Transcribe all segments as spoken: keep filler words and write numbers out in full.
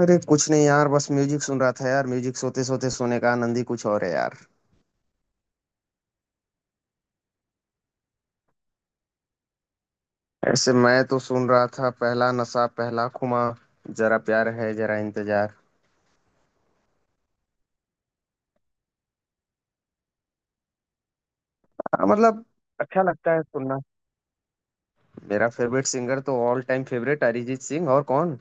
अरे कुछ नहीं यार बस म्यूजिक सुन रहा था यार। म्यूजिक सोते सोते सोने का आनंद ही कुछ और है यार। ऐसे मैं तो सुन रहा था पहला नशा पहला खुमा जरा प्यार है जरा इंतजार। हाँ, मतलब अच्छा लगता है सुनना। मेरा फेवरेट सिंगर तो all time favourite Arijit Singh और कौन।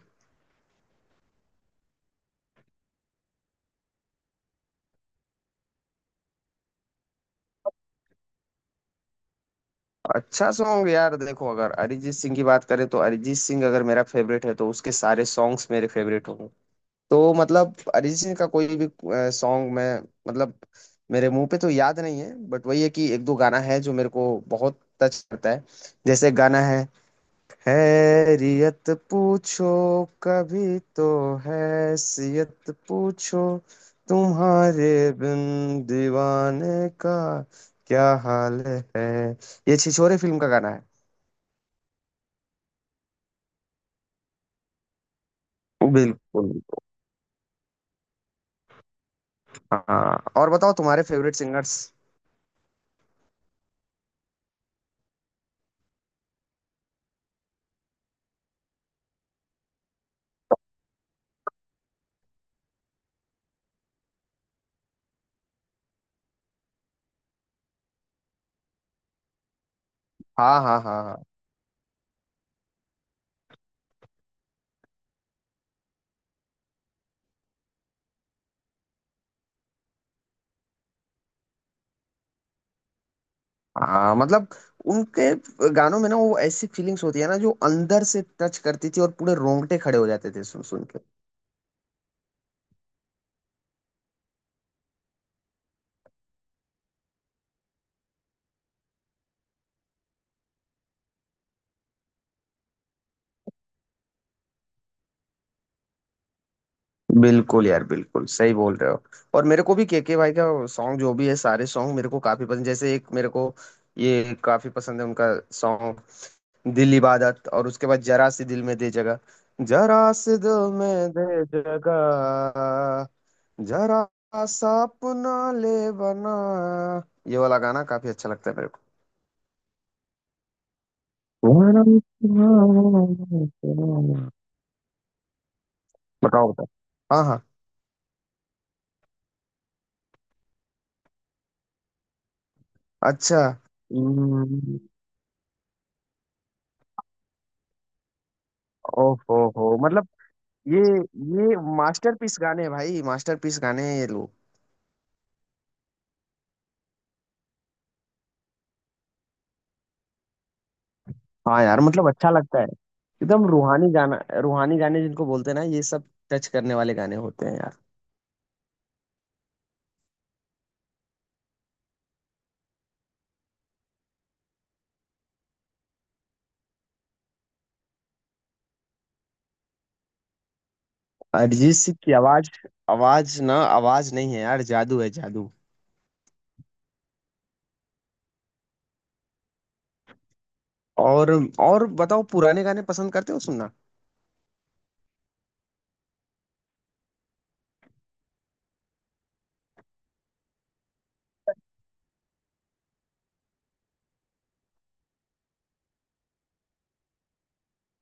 अच्छा सॉन्ग यार देखो अगर अरिजीत सिंह की बात करें तो अरिजीत सिंह अगर मेरा फेवरेट है तो उसके सारे सॉन्ग्स मेरे फेवरेट होंगे। तो मतलब अरिजीत सिंह का कोई भी सॉन्ग मैं मतलब मेरे मुंह पे तो याद नहीं है बट वही है कि एक दो गाना है जो मेरे को बहुत टच करता है। जैसे गाना है हैरियत पूछो कभी तो हैसियत पूछो तुम्हारे बिन दीवाने का क्या हाल है। ये छिछोरे फिल्म का गाना है। बिल्कुल। हाँ और बताओ तुम्हारे फेवरेट सिंगर्स। हाँ हाँ हाँ हाँ। हाँ मतलब उनके गानों में ना वो ऐसी फीलिंग्स होती है ना जो अंदर से टच करती थी और पूरे रोंगटे खड़े हो जाते थे सुन सुन के। बिल्कुल यार बिल्कुल सही बोल रहे हो। और मेरे को भी केके भाई का सॉन्ग जो भी है सारे सॉन्ग मेरे को काफी पसंद जैसे एक मेरे को ये काफी पसंद है उनका सॉन्ग दिल इबादत, और उसके बाद जरा सी दिल में दे जगह, जरा सी दिल में दे जगह, जरा सा अपना ले बना। ये वाला गाना काफी अच्छा लगता है मेरे को। बताओ। बताओ। हाँ हाँ। अच्छा। हम्म, ओहो हो मतलब ये ये मास्टरपीस गाने हैं भाई मास्टरपीस गाने हैं ये लोग। हाँ यार मतलब अच्छा लगता है एकदम रूहानी गाना रूहानी गाने जिनको बोलते हैं ना ये सब टच करने वाले गाने होते हैं यार। अरिजीत सिंह की आवाज आवाज ना आवाज नहीं है यार जादू है जादू। और और बताओ पुराने गाने पसंद करते हो सुनना।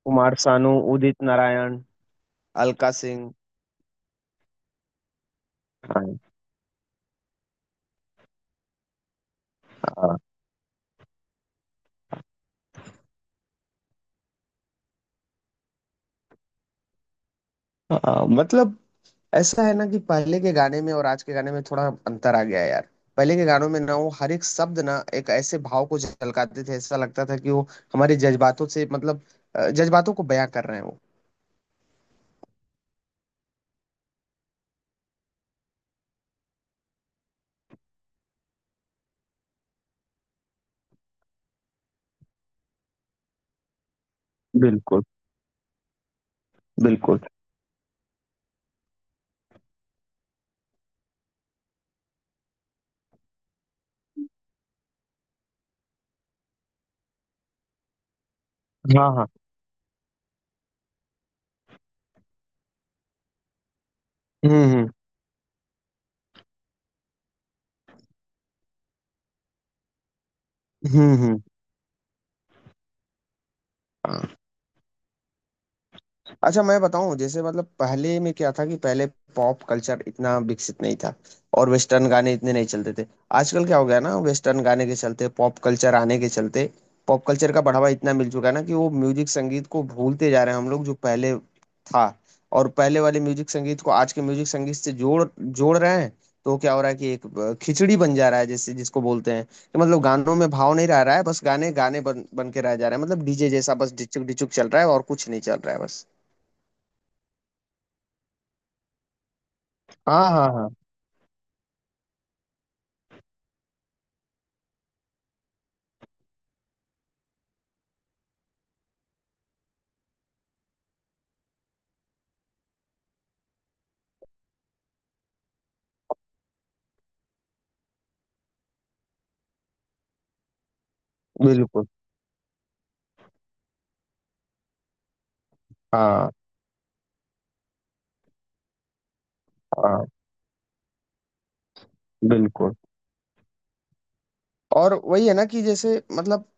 कुमार सानू उदित नारायण अलका सिंह। हाँ। हाँ मतलब ऐसा है ना कि पहले के गाने में और आज के गाने में थोड़ा अंतर आ गया है यार। पहले के गानों में ना वो हर एक शब्द ना एक ऐसे भाव को झलकाते थे ऐसा लगता था कि वो हमारे जज्बातों से मतलब अ, जज्बातों को बयां कर रहे हैं वो। बिल्कुल बिल्कुल। हाँ हाँ। हम्म हम्म हम्म हम्म। अच्छा मैं बताऊं जैसे मतलब पहले में क्या था कि पहले पॉप कल्चर इतना विकसित नहीं था और वेस्टर्न गाने इतने नहीं चलते थे। आजकल क्या हो गया ना वेस्टर्न गाने के चलते पॉप कल्चर आने के चलते पॉप कल्चर का बढ़ावा इतना मिल चुका है ना कि वो म्यूजिक संगीत को भूलते जा रहे हैं हम लोग जो पहले था। और पहले वाले म्यूजिक संगीत को आज के म्यूजिक संगीत से जोड़ जोड़ रहे हैं। तो क्या हो रहा है कि एक अ, खिचड़ी बन जा रहा है जैसे जिसको बोलते हैं कि मतलब गानों में भाव नहीं रह रहा है बस गाने गाने बन बन के रह जा रहे हैं मतलब डीजे जैसा बस डिचुक डिचुक चल रहा है और कुछ नहीं चल रहा है बस। हाँ हाँ हाँ बिल्कुल। हाँ हाँ बिल्कुल। और वही है ना कि जैसे मतलब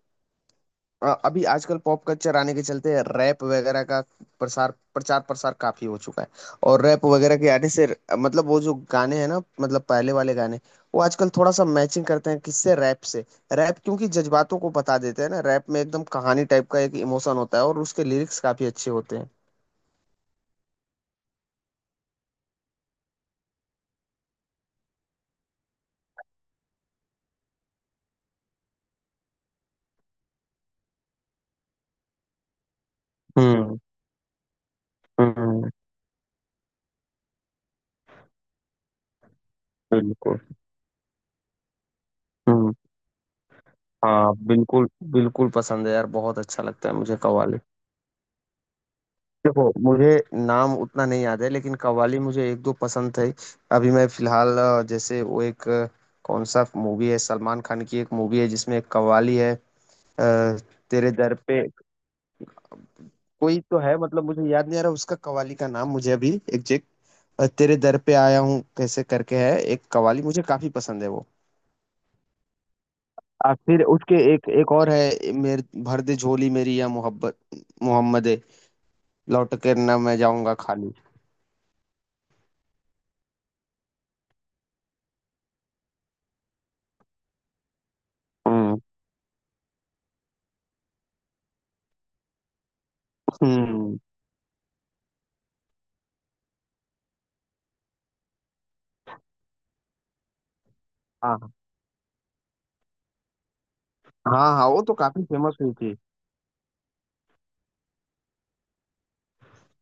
अ, अभी आजकल पॉप कल्चर आने के चलते रैप वगैरह का प्रसार प्रचार प्रसार काफी हो चुका है। और रैप वगैरह के आने से अ, मतलब वो जो गाने हैं ना मतलब पहले वाले गाने वो आजकल थोड़ा सा मैचिंग करते हैं किससे रैप से। रैप क्योंकि जज्बातों को बता देते हैं ना रैप में एकदम कहानी टाइप का एक इमोशन होता है और उसके लिरिक्स काफी अच्छे होते हैं। हम्म हम्म बिल्कुल हम्म। हाँ बिल्कुल बिल्कुल पसंद है यार बहुत अच्छा लगता है मुझे कव्वाली। देखो मुझे नाम उतना नहीं याद है लेकिन कव्वाली मुझे एक दो पसंद थे। अभी मैं फिलहाल अ, जैसे वो एक अ, कौन सा मूवी है सलमान खान की एक मूवी है जिसमें एक कव्वाली है। अ, तेरे दर पे कोई तो है मतलब मुझे याद नहीं आ रहा उसका कव्वाली का नाम मुझे अभी एग्जैक्ट। अ, तेरे दर पे आया हूँ कैसे करके है एक कवाली मुझे काफी पसंद है वो। आ, फिर उसके एक एक और है मेरे भर दे झोली मेरी या मोहब्बत मोहम्मद लौट के न मैं जाऊंगा खाली। हम्म हम्म। हाँ। हाँ हाँ वो तो काफी फेमस हुई थी।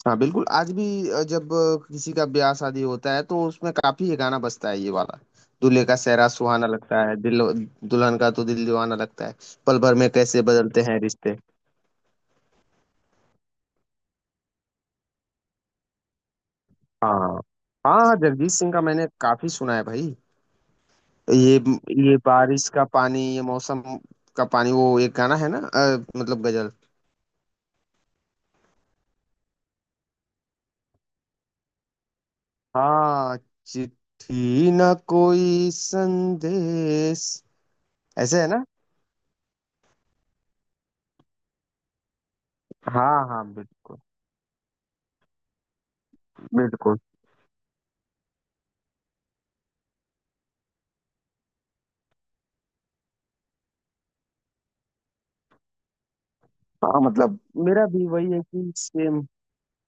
हाँ बिल्कुल आज भी अ, जब अ, किसी का ब्याह शादी होता है तो उसमें काफी ये गाना बजता है ये वाला दूल्हे का सेहरा सुहाना लगता है दिल दुल्हन का तो दिल दीवाना लगता है पल भर में कैसे बदलते हैं रिश्ते। हाँ हाँ। हाँ, जगजीत सिंह का मैंने काफी सुना है भाई। ये ये बारिश का पानी ये मौसम का पानी वो एक गाना है ना अ, मतलब गजल। हाँ चिट्ठी ना कोई संदेश ऐसे है ना। हाँ हाँ बिल्कुल बिल्कुल। हाँ मतलब मेरा भी वही है कि सेम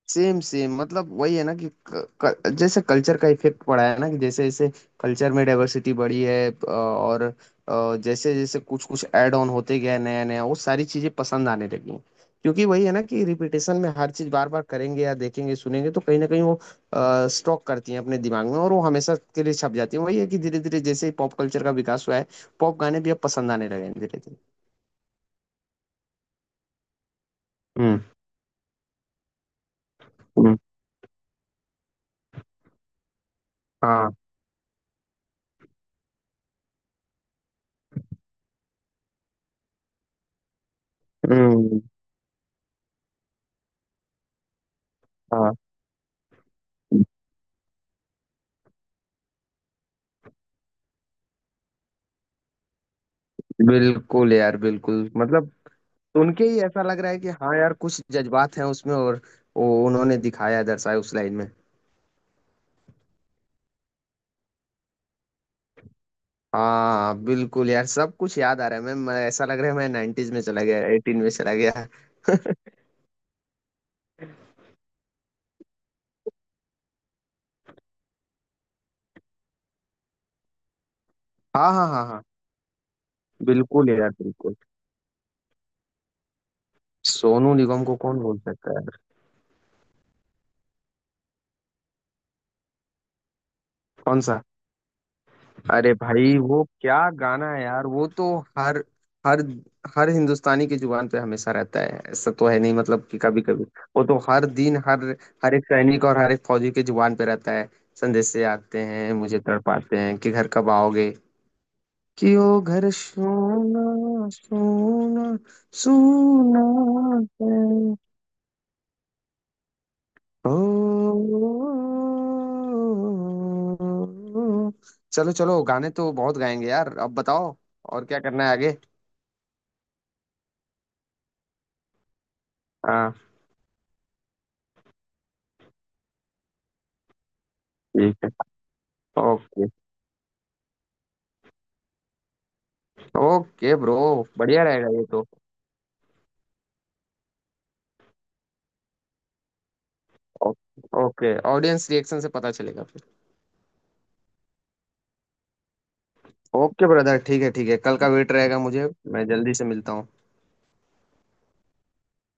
सेम सेम मतलब वही है ना कि क, क, जैसे कल्चर का इफेक्ट पड़ा है ना कि जैसे जैसे कल्चर में डाइवर्सिटी बढ़ी है अ, और अ, जैसे जैसे कुछ कुछ ऐड ऑन होते गया नया नया वो सारी चीजें पसंद आने लगी हैं। क्योंकि वही है ना कि रिपीटेशन में हर चीज बार बार करेंगे या देखेंगे सुनेंगे तो कहीं ना कहीं वो स्टॉक करती हैं अपने दिमाग में और वो हमेशा के लिए छप जाती है। वही है कि धीरे धीरे जैसे ही पॉप कल्चर का विकास हुआ है पॉप गाने भी अब पसंद आने लगे हैं धीरे धीरे। हम्म हम्म, हाँ। हम्म, हाँ बिल्कुल यार बिल्कुल मतलब सुन के ही ऐसा लग रहा है कि हाँ यार कुछ जज्बात हैं उसमें और वो उन्होंने दिखाया दर्शाया उस लाइन में। हाँ बिल्कुल यार सब कुछ याद आ रहा है मैं, मैं ऐसा लग रहा है मैं नाइंटीज में चला गया एटीन में चला गया। हाँ हाँ हाँ हाँ बिल्कुल यार बिल्कुल। सोनू निगम को कौन बोल सकता है। कौन सा। अरे भाई वो क्या गाना है यार वो तो हर हर हर हिंदुस्तानी की जुबान पे हमेशा रहता है ऐसा तो है नहीं मतलब कि कभी कभी। वो तो हर दिन हर हर एक सैनिक और हर एक फौजी की जुबान पे रहता है। संदेशे आते हैं मुझे तड़पाते हैं कि घर कब आओगे कि ओ घर सोना सोना सोना है। चलो चलो गाने तो बहुत गाएंगे यार अब बताओ और क्या करना है आगे। हाँ ठीक है। ओके। Okay bro. बढ़िया रहेगा ये तो। ओ- ओके ऑडियंस रिएक्शन से पता चलेगा फिर। ओके ब्रदर ठीक है ठीक है कल का वेट रहेगा मुझे। मैं जल्दी से मिलता हूँ।